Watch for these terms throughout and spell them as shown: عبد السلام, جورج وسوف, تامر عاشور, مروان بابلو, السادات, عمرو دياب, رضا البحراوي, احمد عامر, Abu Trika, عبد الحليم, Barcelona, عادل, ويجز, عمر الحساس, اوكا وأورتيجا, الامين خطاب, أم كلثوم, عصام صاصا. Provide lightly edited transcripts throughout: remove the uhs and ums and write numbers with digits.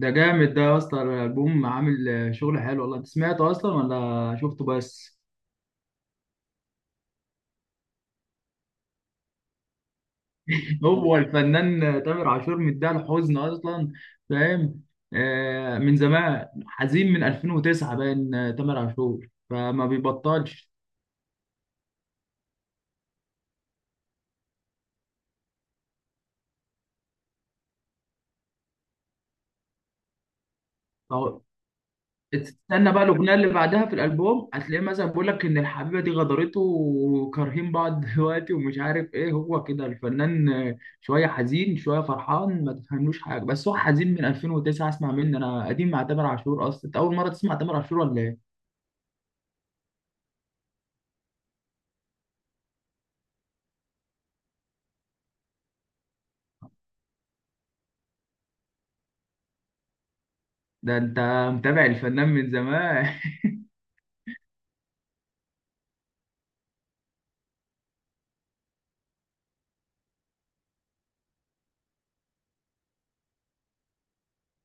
ده جامد ده يا اسطى، الالبوم عامل شغل حلو والله. انت سمعته اصلا ولا شفته بس؟ هو الفنان تامر عاشور مديها الحزن اصلا. فاهم؟ آه، من زمان حزين، من 2009 باين، تامر عاشور فما بيبطلش. تستنى بقى الاغنيه اللي بعدها في الالبوم، هتلاقيه مثلا بيقول لك ان الحبيبه دي غدرته وكارهين بعض دلوقتي ومش عارف ايه. هو كده الفنان، شويه حزين شويه فرحان، ما تفهملوش حاجه، بس هو حزين من 2009. اسمع مني انا، قديم مع تامر عاشور اصلا. انت اول مره تسمع تامر عاشور ولا ايه؟ ده انت متابع الفنان من زمان.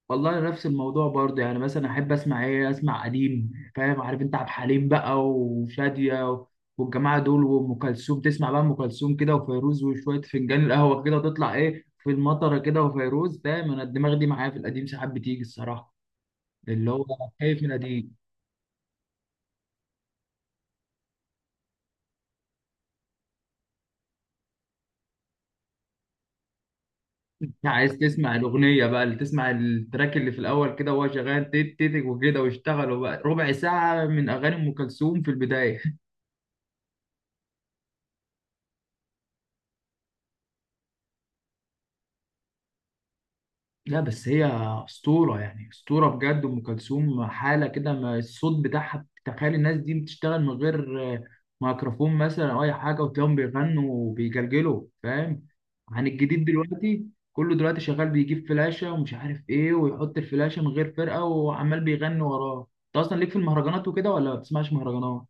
والله نفس الموضوع برضه، يعني مثلا احب اسمع ايه، اسمع قديم فاهم؟ عارف انت عبد الحليم بقى وشادية والجماعه دول، وام كلثوم. تسمع بقى ام كلثوم كده وفيروز، وشويه فنجان القهوه كده وتطلع ايه في المطره كده وفيروز، فاهم؟ انا الدماغ دي معايا، في القديم ساعات بتيجي الصراحه. اللي هو خايف من القديم. عايز تسمع الاغنيه بقى، اللي تسمع التراك اللي في الاول كده وهو شغال تيت تيت وكده، واشتغلوا بقى ربع ساعه من اغاني ام كلثوم في البدايه. لا بس هي أسطورة يعني، أسطورة بجد أم كلثوم، حالة كده. ما الصوت بتاعها، تخيل الناس دي بتشتغل من غير ميكروفون مثلا أو أي حاجة، وتلاقيهم بيغنوا وبيجلجلوا، فاهم؟ عن الجديد دلوقتي، كله دلوقتي شغال بيجيب فلاشة ومش عارف إيه، ويحط الفلاشة من غير فرقة وعمال بيغني وراه. أنت أصلا ليك في المهرجانات وكده ولا ما بتسمعش مهرجانات؟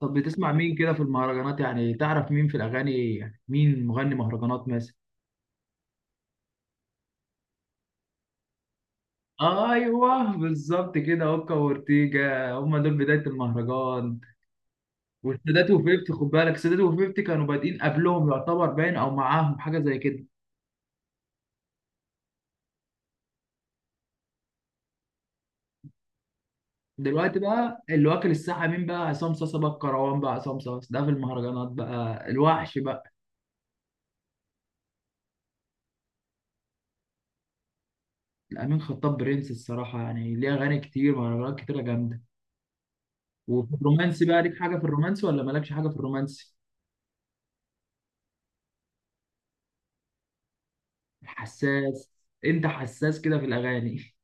طب بتسمع مين كده في المهرجانات؟ يعني تعرف مين في الأغاني، يعني مين مغني مهرجانات مثلا؟ ايوه، بالظبط كده، اوكا وأورتيجا هم دول بدايه المهرجان. والسادات وفيفتي، خد بالك، السادات وفيفتي كانوا بادئين قبلهم يعتبر، باين او معاهم، حاجه زي كده. دلوقتي بقى اللي واكل الساحه مين بقى؟ عصام صاصا بقى الكروان. بقى عصام صاصا ده في المهرجانات بقى الوحش بقى. الامين خطاب برنس الصراحه، يعني ليه اغاني كتير، مهرجانات كتيره جامده. وفي الرومانسي بقى، ليك حاجه في الرومانسي ولا مالكش حاجه في الرومانسي؟ حساس، انت حساس كده في الاغاني.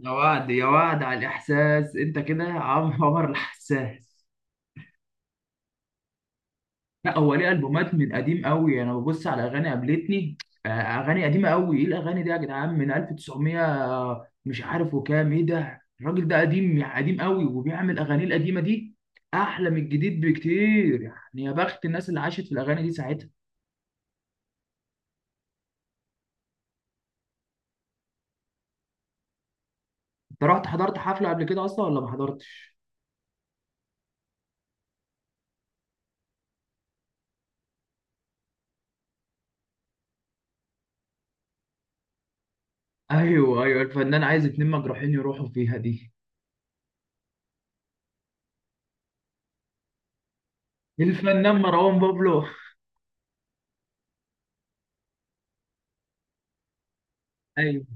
يا وعد يا وعد على الإحساس، أنت كده عمر الحساس. لا، هو ليه ألبومات من قديم قوي. أنا ببص على أغاني قابلتني، أغاني قديمة قوي. إيه الأغاني دي يا جدعان، من 1900 مش عارف وكام. إيه ده، الراجل ده قديم يعني، قديم قوي، وبيعمل أغاني، القديمة دي أحلى من الجديد بكتير، يعني يا بخت الناس اللي عاشت في الأغاني دي ساعتها. أنت رحت حضرت حفلة قبل كده أصلا ولا ما حضرتش؟ أيوه أيوه، الفنان عايز اتنين مجروحين يروحوا فيها دي. الفنان مروان بابلو. أيوه.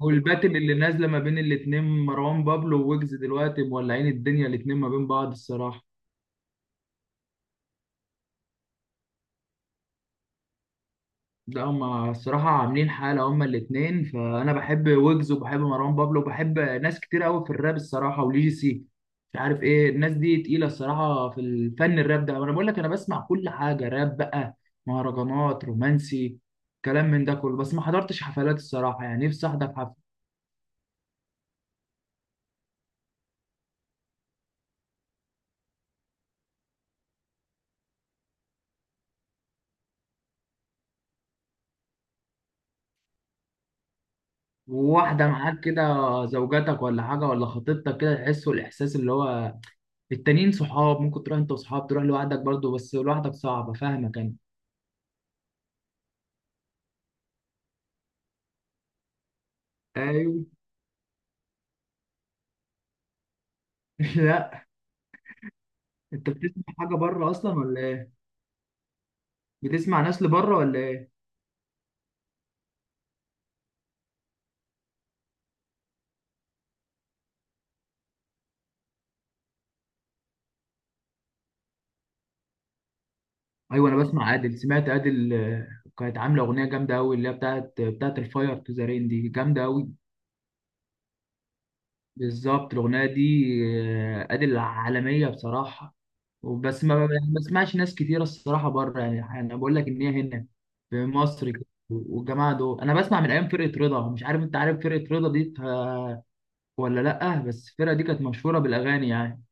والباتل اللي نازله ما بين الاتنين، مروان بابلو وويجز، دلوقتي مولعين الدنيا الاتنين ما بين بعض الصراحه. ده هما الصراحه عاملين حاله هما الاتنين، فانا بحب ويجز وبحب مروان بابلو، وبحب ناس كتير قوي في الراب الصراحه، وليجيسي مش عارف ايه. الناس دي تقيله الصراحه في الفن، الراب ده. انا بقول لك، انا بسمع كل حاجه، راب بقى، مهرجانات، رومانسي، كلام من ده كله، بس ما حضرتش حفلات الصراحه، يعني نفسي احضر حفله وواحده معاك كده، زوجتك ولا حاجه ولا خطيبتك كده، تحسوا الاحساس اللي هو. التانيين صحاب، ممكن تروح انت وصحاب، تروح لوحدك برضه، بس لوحدك صعبة، فاهمك انا. ايوه. لا، انت بتسمع حاجة بره اصلا ولا ايه؟ بتسمع ناس لبره ولا ايه؟ ايوه انا بسمع عادل. سمعت عادل كانت عاملة اغنية جامدة قوي، اللي هي بتاعت الفاير تو ذا رين، دي جامدة قوي. بالظبط الاغنية دي. عادل عالمية بصراحة. وبس ما يعني، ما بسمعش ناس كتيرة الصراحة بره، يعني انا بقول لك ان هي هنا في مصر كده، والجماعة دول انا بسمع من ايام فرقة رضا. مش عارف، انت عارف فرقة رضا دي ولا لأ؟ بس الفرقة دي كانت مشهورة بالأغاني يعني.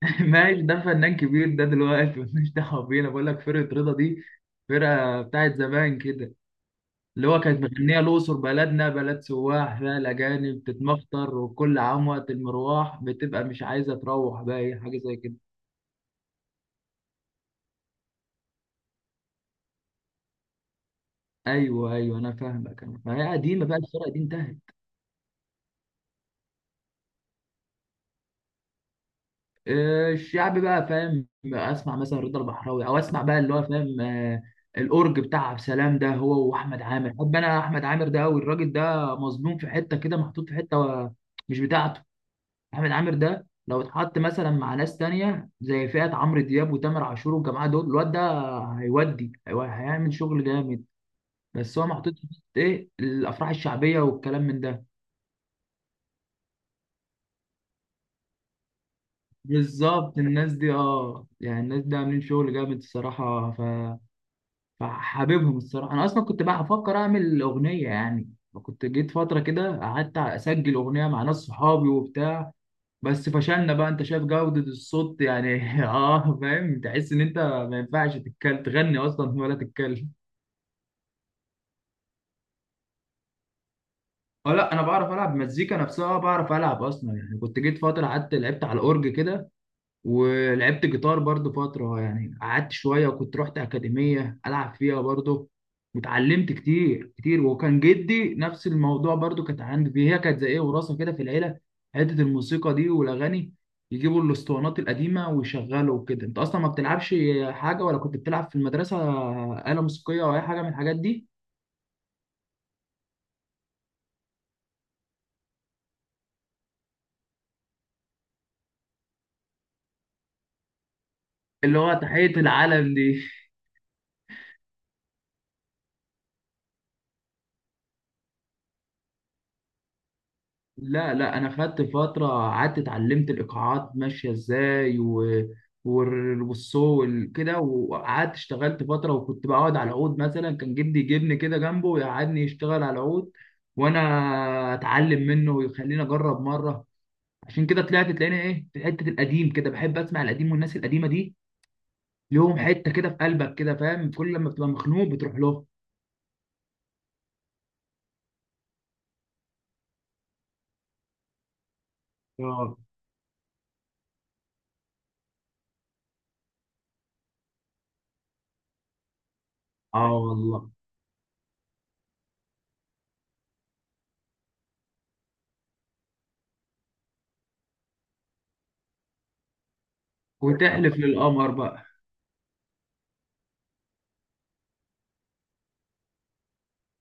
ماشي، ده فنان كبير ده دلوقتي، مش دعوة بينا. بقول لك فرقة رضا دي فرقة بتاعت زمان كده. اللي هو كانت مغنية الأقصر، بلدنا بلد سواح، فيها الأجانب بتتمخطر، وكل عام وقت المروح بتبقى مش عايزة تروح بقى، إيه، حاجة زي كده. أيوه أيوه، أنا فاهمك، أنا فهي قديمة بقى الفرقة دي، انتهت. الشعب بقى فاهم، اسمع مثلا رضا البحراوي، او اسمع بقى اللي هو فاهم، الاورج بتاع عبد السلام ده، هو واحمد عامر. بحب انا احمد عامر ده قوي، الراجل ده مظلوم، في حته كده محطوط، في حته مش بتاعته. احمد عامر ده لو اتحط مثلا مع ناس تانية، زي فئه عمرو دياب وتامر عاشور والجماعه دول، الواد ده هيودي هيعمل شغل جامد. بس هو محطوط في حتة ايه، الافراح الشعبيه والكلام من ده. بالظبط الناس دي، اه يعني الناس دي عاملين شغل جامد الصراحه. ف فحاببهم الصراحه. انا اصلا كنت بقى هفكر اعمل اغنيه، يعني كنت جيت فتره كده قعدت اسجل اغنيه مع ناس صحابي وبتاع، بس فشلنا بقى، انت شايف جوده الصوت يعني. اه فاهم، تحس ان انت ما ينفعش تتكلم، تغني اصلا ولا تتكلم. اه لا، انا بعرف العب مزيكا نفسها، بعرف العب اصلا. يعني كنت جيت فتره قعدت لعبت على الاورج كده، ولعبت جيتار برضو فترة، يعني قعدت شوية، وكنت رحت أكاديمية ألعب فيها برضو، واتعلمت كتير كتير. وكان جدي نفس الموضوع برضو، كانت عندي فيه. هي كانت زي إيه، وراثة كده في العيلة، حتة الموسيقى دي والأغاني، يجيبوا الأسطوانات القديمة ويشغلوا وكده. أنت أصلا ما بتلعبش حاجة، ولا كنت بتلعب في المدرسة آلة موسيقية أو أي حاجة من الحاجات دي؟ اللي هو تحية العالم دي. لا لا، انا خدت فتره قعدت اتعلمت الايقاعات ماشيه ازاي و كده، وقعدت اشتغلت فتره، وكنت بقعد على العود مثلا، كان جدي يجيبني كده جنبه ويقعدني، يشتغل على العود وانا اتعلم منه، ويخليني اجرب مره. عشان كده طلعت تلاقيني ايه، في حته القديم كده، بحب اسمع القديم والناس القديمه دي، ليهم حته كده في قلبك كده، فاهم؟ كل لما بتبقى مخنوق بتروح له. اه. اه والله. وتحلف للقمر بقى.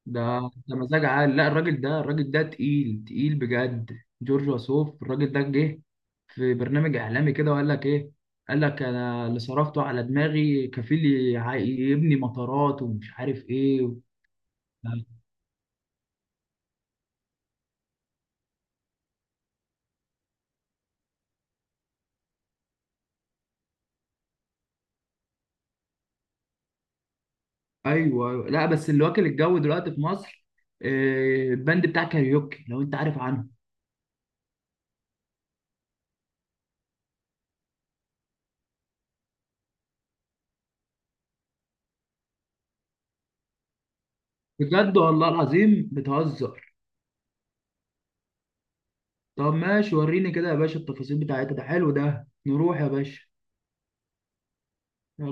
ده ده مزاج عالي. لا، الراجل ده، الراجل ده تقيل تقيل بجد، جورج وسوف. الراجل ده جه في برنامج اعلامي كده، وقال لك ايه؟ قال لك انا اللي صرفته على دماغي كفيل يبني مطارات ومش عارف ايه. ايوه. أيوة. لا بس اللي واكل الجو دلوقتي في مصر، البند بتاع كاريوكي، لو انت عارف عنه. بجد، والله العظيم بتهزر. طب ماشي، وريني كده يا باشا التفاصيل بتاعتها، ده حلو ده، نروح يا باشا. يلا.